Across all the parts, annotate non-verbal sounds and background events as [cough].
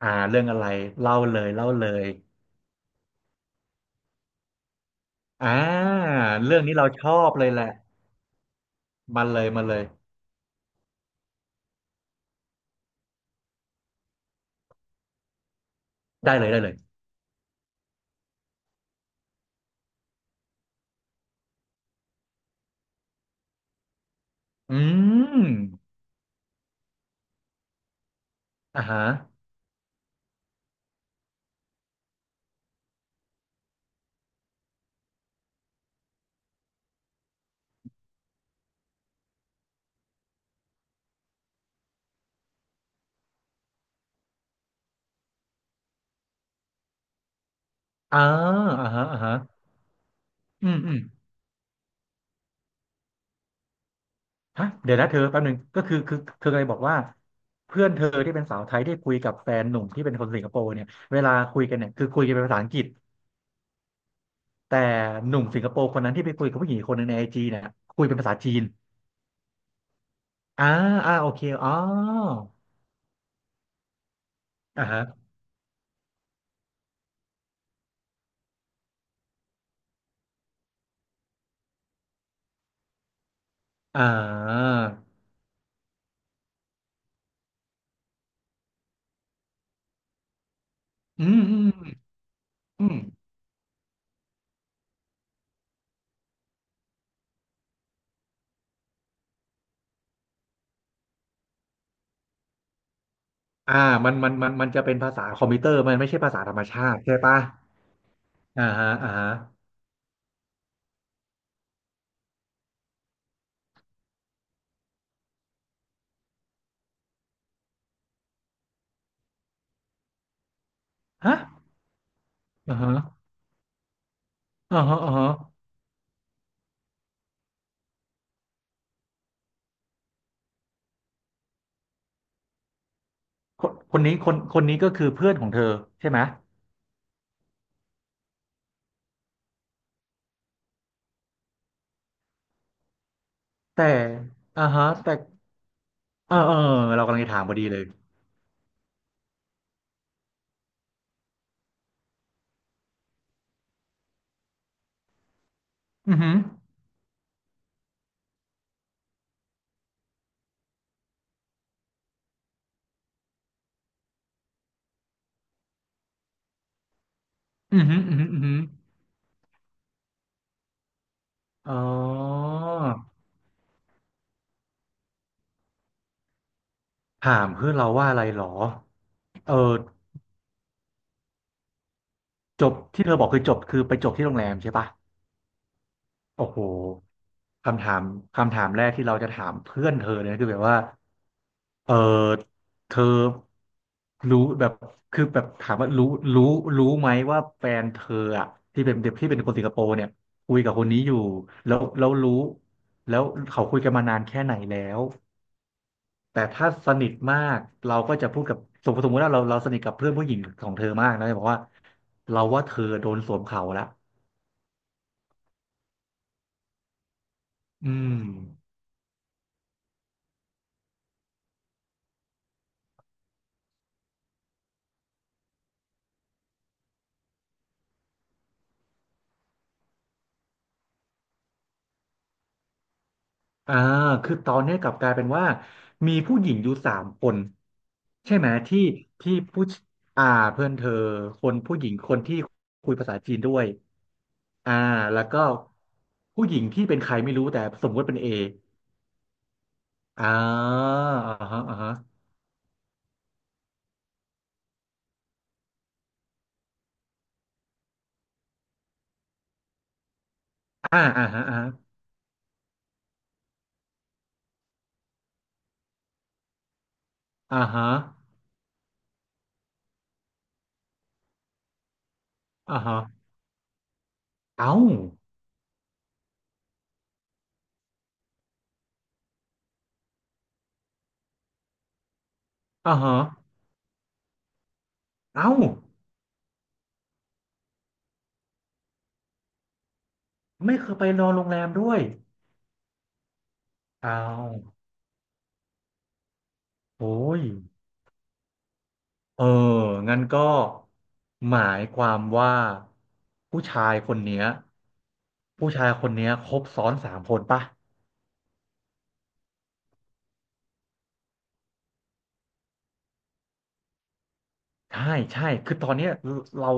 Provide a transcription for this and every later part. เรื่องอะไรเล่าเลยเล่าเลยอ่าเรื่องนี้เราชอบเลยแหละมาเลยมาเลยได้เลยได้เลยอืมอ่าฮะอ่าอ่าฮะอ่าฮะอืมอืมฮะเดี๋ยวนะเธอแป๊บหนึงก็คือเธอเคยบอกว่าเพื่อนเธอที่เป็นสาวไทยที่คุยกับแฟนหนุ่มที่เป็นคนสิงคโปร์เนี่ยเวลาคุยกันเนี่ยคือคุยกันเป็นภาษาอังกฤษแต่หนุ่มสิงคโปร์คนนั้นที่ไปคุยกับผู้หญิงอีกคนหนึงในไอจีเนี่ยคุยเป็นภาษาจีนอ่าอ่าโอเคอ๋ออ่าฮะอ่าอืมอืม อืมอ่ามันจะเป็นภาษาคอมพิวเตอร์มันไม่ใช่ภาษาธรรมชาติใช่ปะอ่าฮะอ่าฮะฮะอ่าฮะอ่าฮะอ่าฮะคนคนนี้ก็คือเพื่อนของเธอใช่ไหมแต่อ่าฮะแต่เออเรากำลังจะถามพอดีเลยอือหืออือหืออือหืออ๋อถามเพื่อนเราว่าอะไรหรอเออจบที่เธอบอกคือจบ คือไปจบที่โรงแรมใช่ปะ โอ้โหคำถามคำถามแรกที่เราจะถามเพื่อนเธอเลยนะคือแบบว่าเออเธอรู้แบบคือแบบถามว่ารู้รู้รู้ไหมว่าแฟนเธออะที่เป็นเด็กที่เป็นคนสิงคโปร์เนี่ยคุยกับคนนี้อยู่แล้วรู้แล้วเขาคุยกันมานานแค่ไหนแล้วแต่ถ้าสนิทมากเราก็จะพูดกับสมมติว่าเราสนิทกับเพื่อนผู้หญิงของเธอมากนะจะบอกว่าเราว่าเธอโดนสวมเขาละอืม อ่าคือตอนนี้กลับกลายเป็นว่ามีผู้หญิงอยู่สามคนใช่ไหมที่ที่ผู้ชอ่าเพื่อนเธอคนผู้หญิงคนที่คุยภาษาจีนด้วยอ่าแล้วก็ผู้หญิงที่เป็นใครไม่รู้แต่สมมติเป็นเออ่าอ่าฮะอ่าฮะอ่าอ่าฮะอ่าฮะอ่าฮะอ่าฮะเอ้าอ่าฮะเอ้าไม่เคยไปนอนโรงแรมด้วยเอ้าวโอ้ย เออ งั้นก็หมายความว่าผู้ชายคนเนี้ยผู้ชายคนเนี้ยครบซ้อนสามคนปะใช่ใช่คือตอนเนี้ยเรา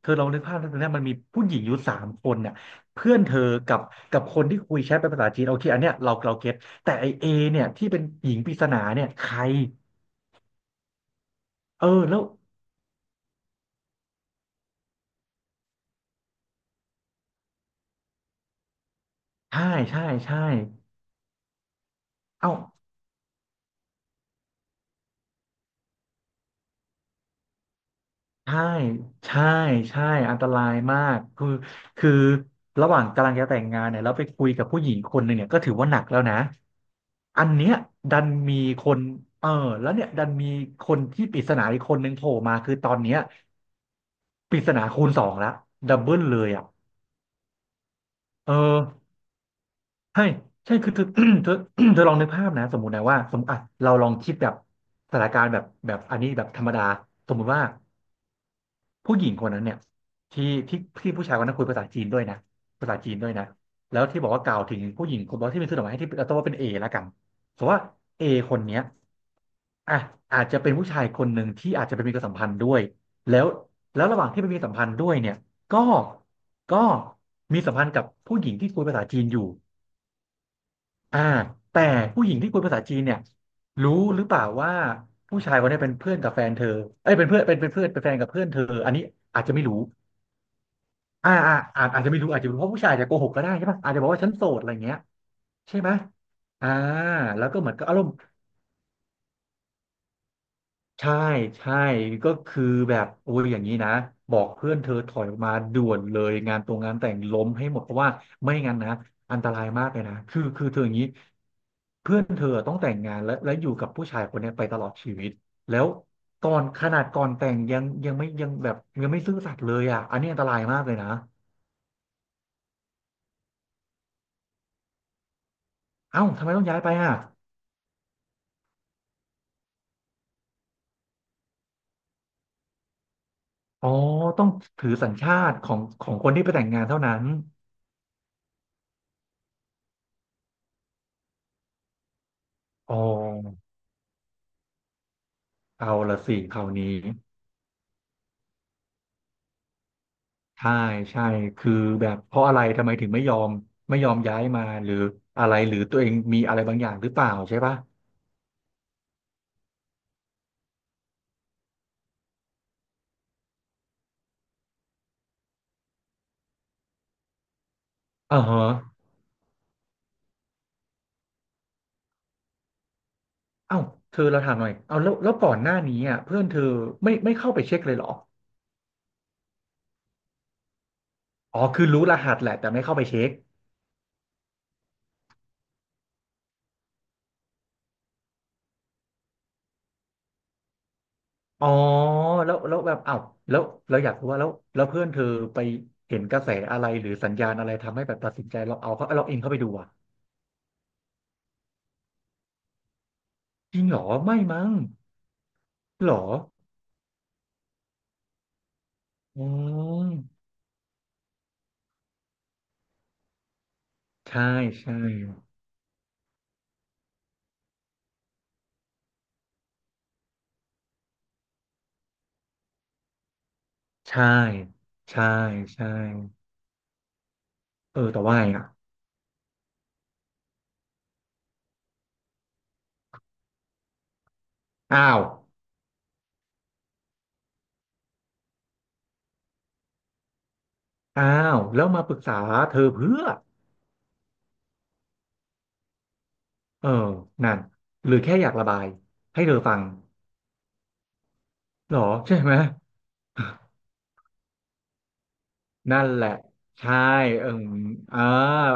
เธอลองนึกภาพแล้วตอนเนี้ยมันมีผู้หญิงอยู่สามคนเนี่ยเพื่อนเธอกับกับคนที่คุยแชทเป็นภาษาจีนโอเคอันเนี้ยเราเก็ตแต่ไอเอเนี่ยที่เป็นหญิงปริศนาเนี่ยใครเออแล้วใช่ใช่เอ้า ใช่ใช่ใช่อันตรายมาก คือคือระหว่างกำลังจะแต่งงานเนี่ยแล้วไปคุยกับผู้หญิงคนหนึ่งเนี่ยก็ถือว่าหนักแล้วนะ อันเนี้ยดันมีคนเออแล้วเนี่ยดันมีคนที่ปริศนาอีกคนหนึ่งโผล่มาคือตอนเนี้ยปริศนาคูณสองละดับเบิลเลยอ่ะเออใช่ใช่ คือเธอ [clears throat] เธอ [clears throat] เธอลองนึกภาพนะ สมมุตินะว่าสมมติอ่ะเราลองคิดแบบสถานการณ์แบบอันนี้แบบธรรมดาสมมุติว่า ผู้หญิงคนนั้นเนี่ยที่ที่ที่ผู้ชายคนนั้นคุยภาษาจีนด้วยนะภาษาจีนด้วยนะแล้วที่บอกว่ากล่าวถึงผู้หญิงคนบอกที่เป็นซื้อดอกไม้ให้ที่เราต้องว่าเป็นเอแล้วกันสมมติว่าเอคนเนี้ยอ่ะอาจจะเป็นผู้ชายคนหนึ่งที่อาจจะเป็นมีความสัมพันธ์ด้วยแล้วแล้วระหว่างที่ไปมีสัมพันธ์ด้วยเนี่ยก็ก็มีสัมพันธ์กับผู้หญิงที่คุยภาษาจีนอยู่อ่าแต่ผู้หญิงที่คุยภาษาจีนเนี่ยรู้หรือเปล่าว่าผู้ชายคนนี้เป็นเพื่อนกับแฟนเธอเอ้ยเป็นเพื่อนเป็นเพื่อนเป็นแฟนกับเพื่อนเธออันนี้อาจจะไม่รู้ อาจจะไม่รู้อาจจะไม่รู้เพราะผู้ชายอาจจะโกหกก็ได้ใช่ปะอาจจะบอกว่าฉันโสดอะไรเงี้ยใช่ไหมอ่าแล้วก็เหมือนก็อารมณ์ใช่ใช่ก็คือแบบโอ้ยอย่างนี้นะบอกเพื่อนเธอถอยออกมาด่วนเลยงานตรงงานแต่งล้มให้หมดเพราะว่าไม่งั้นนะอันตรายมากเลยนะคือคือเธออย่างนี้เพื่อนเธอต้องแต่งงานและอยู่กับผู้ชายคนเนี้ยไปตลอดชีวิตแล้วตอนขนาดก่อนแต่งยังยังไม่ยังแบบยังไม่ซื่อสัตย์เลยอ่ะอันนี้อันตรายมากเลยนะเอ้าทำไมต้องย้ายไปอ่ะ อ๋อต้องถือสัญชาติของของคนที่ไปแต่งงานเท่านั้นอ๋อเอาละสิคราวนี้ใช่ใช่คือแบบเพราะอะไรทำไมถึงไม่ยอมไม่ยอมย้ายมาหรืออะไรหรือตัวเองมีอะไรบางอย่างหรือเปล่าใช่ปะอ่าฮะเอ้าเธอเราถามหน่อยเอาแล้วแล้วก่อนหน้านี้อ่ะเพื่อนเธอไม่เข้าไปเช็คเลยเหรออ๋อคือรู้รหัสแหละแต่ไม่เข้าไปเช็ค อ๋อแล้วแบบอ้าวแล้วเราอยากรู้ว่าแล้วเพื่อนเธอไปเห็นกระแสอะไรหรือสัญญาณอะไรทำให้แบบตัดสินใจเราเอาเขาเราเองเข้าไปดูอ่ะจริงเหรอไม่มั้งเหรออ๋อใช่ใช่ใช่ใช่ใช่เออแต่ว่าไงอ่ะอ้าวอ้าวแล้วมาปรึกษาเธอเพื่อเออนั่นหรือแค่อยากระบายให้เธอฟังเหรอใช่ไหม [laughs] นั่นแหละใช่เอมอมอ่า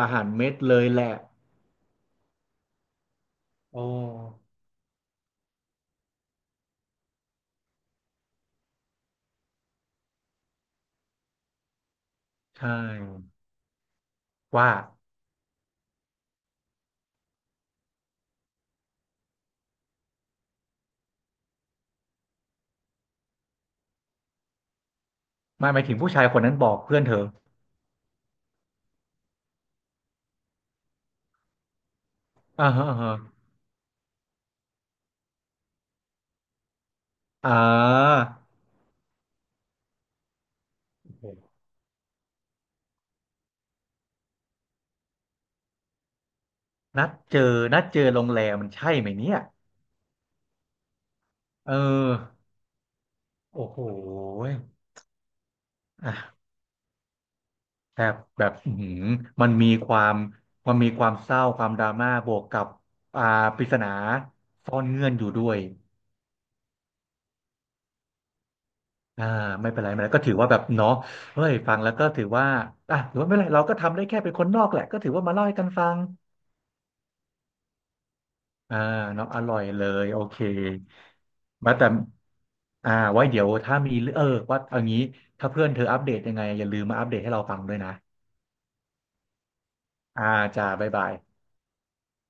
อาหารเม็ดเลยแหละ โอ้ใช่ว่าไม่หมายถึงผู้ชายคนนั้นบอกเพื่อนเธออ่าฮะอ่าฮะอ่าโอ้โหนัดเจอนัดเจอโรงแรมมันใช่ไหมเนี่ยเออโอ้โหยอ่ะแบบแบบอื้อหือมันมีความมันมีความเศร้าความดราม่าบวกกับอ่าปริศนาซ่อนเงื่อนอยู่ด้วยอ่าไม่เป็นไรไม่เป็นไรก็ถือว่าแบบเนาะเฮ้ยฟังแล้วก็ถือว่าอ่ะถือว่าไม่เป็นไรเราก็ทำได้แค่เป็นคนนอกแหละก็ถือว่ามาเล่าให้กันฟัง อ่าเนาะอร่อยเลยโอเคมาแต่อ่าไว้เดี๋ยวถ้ามีเออว่าเอางี้ถ้าเพื่อนเธออัปเดตยังไงอย่าลืมมาอัปเดตให้เราฟังด้วยนะอ่าจ้าบ๊ายบาย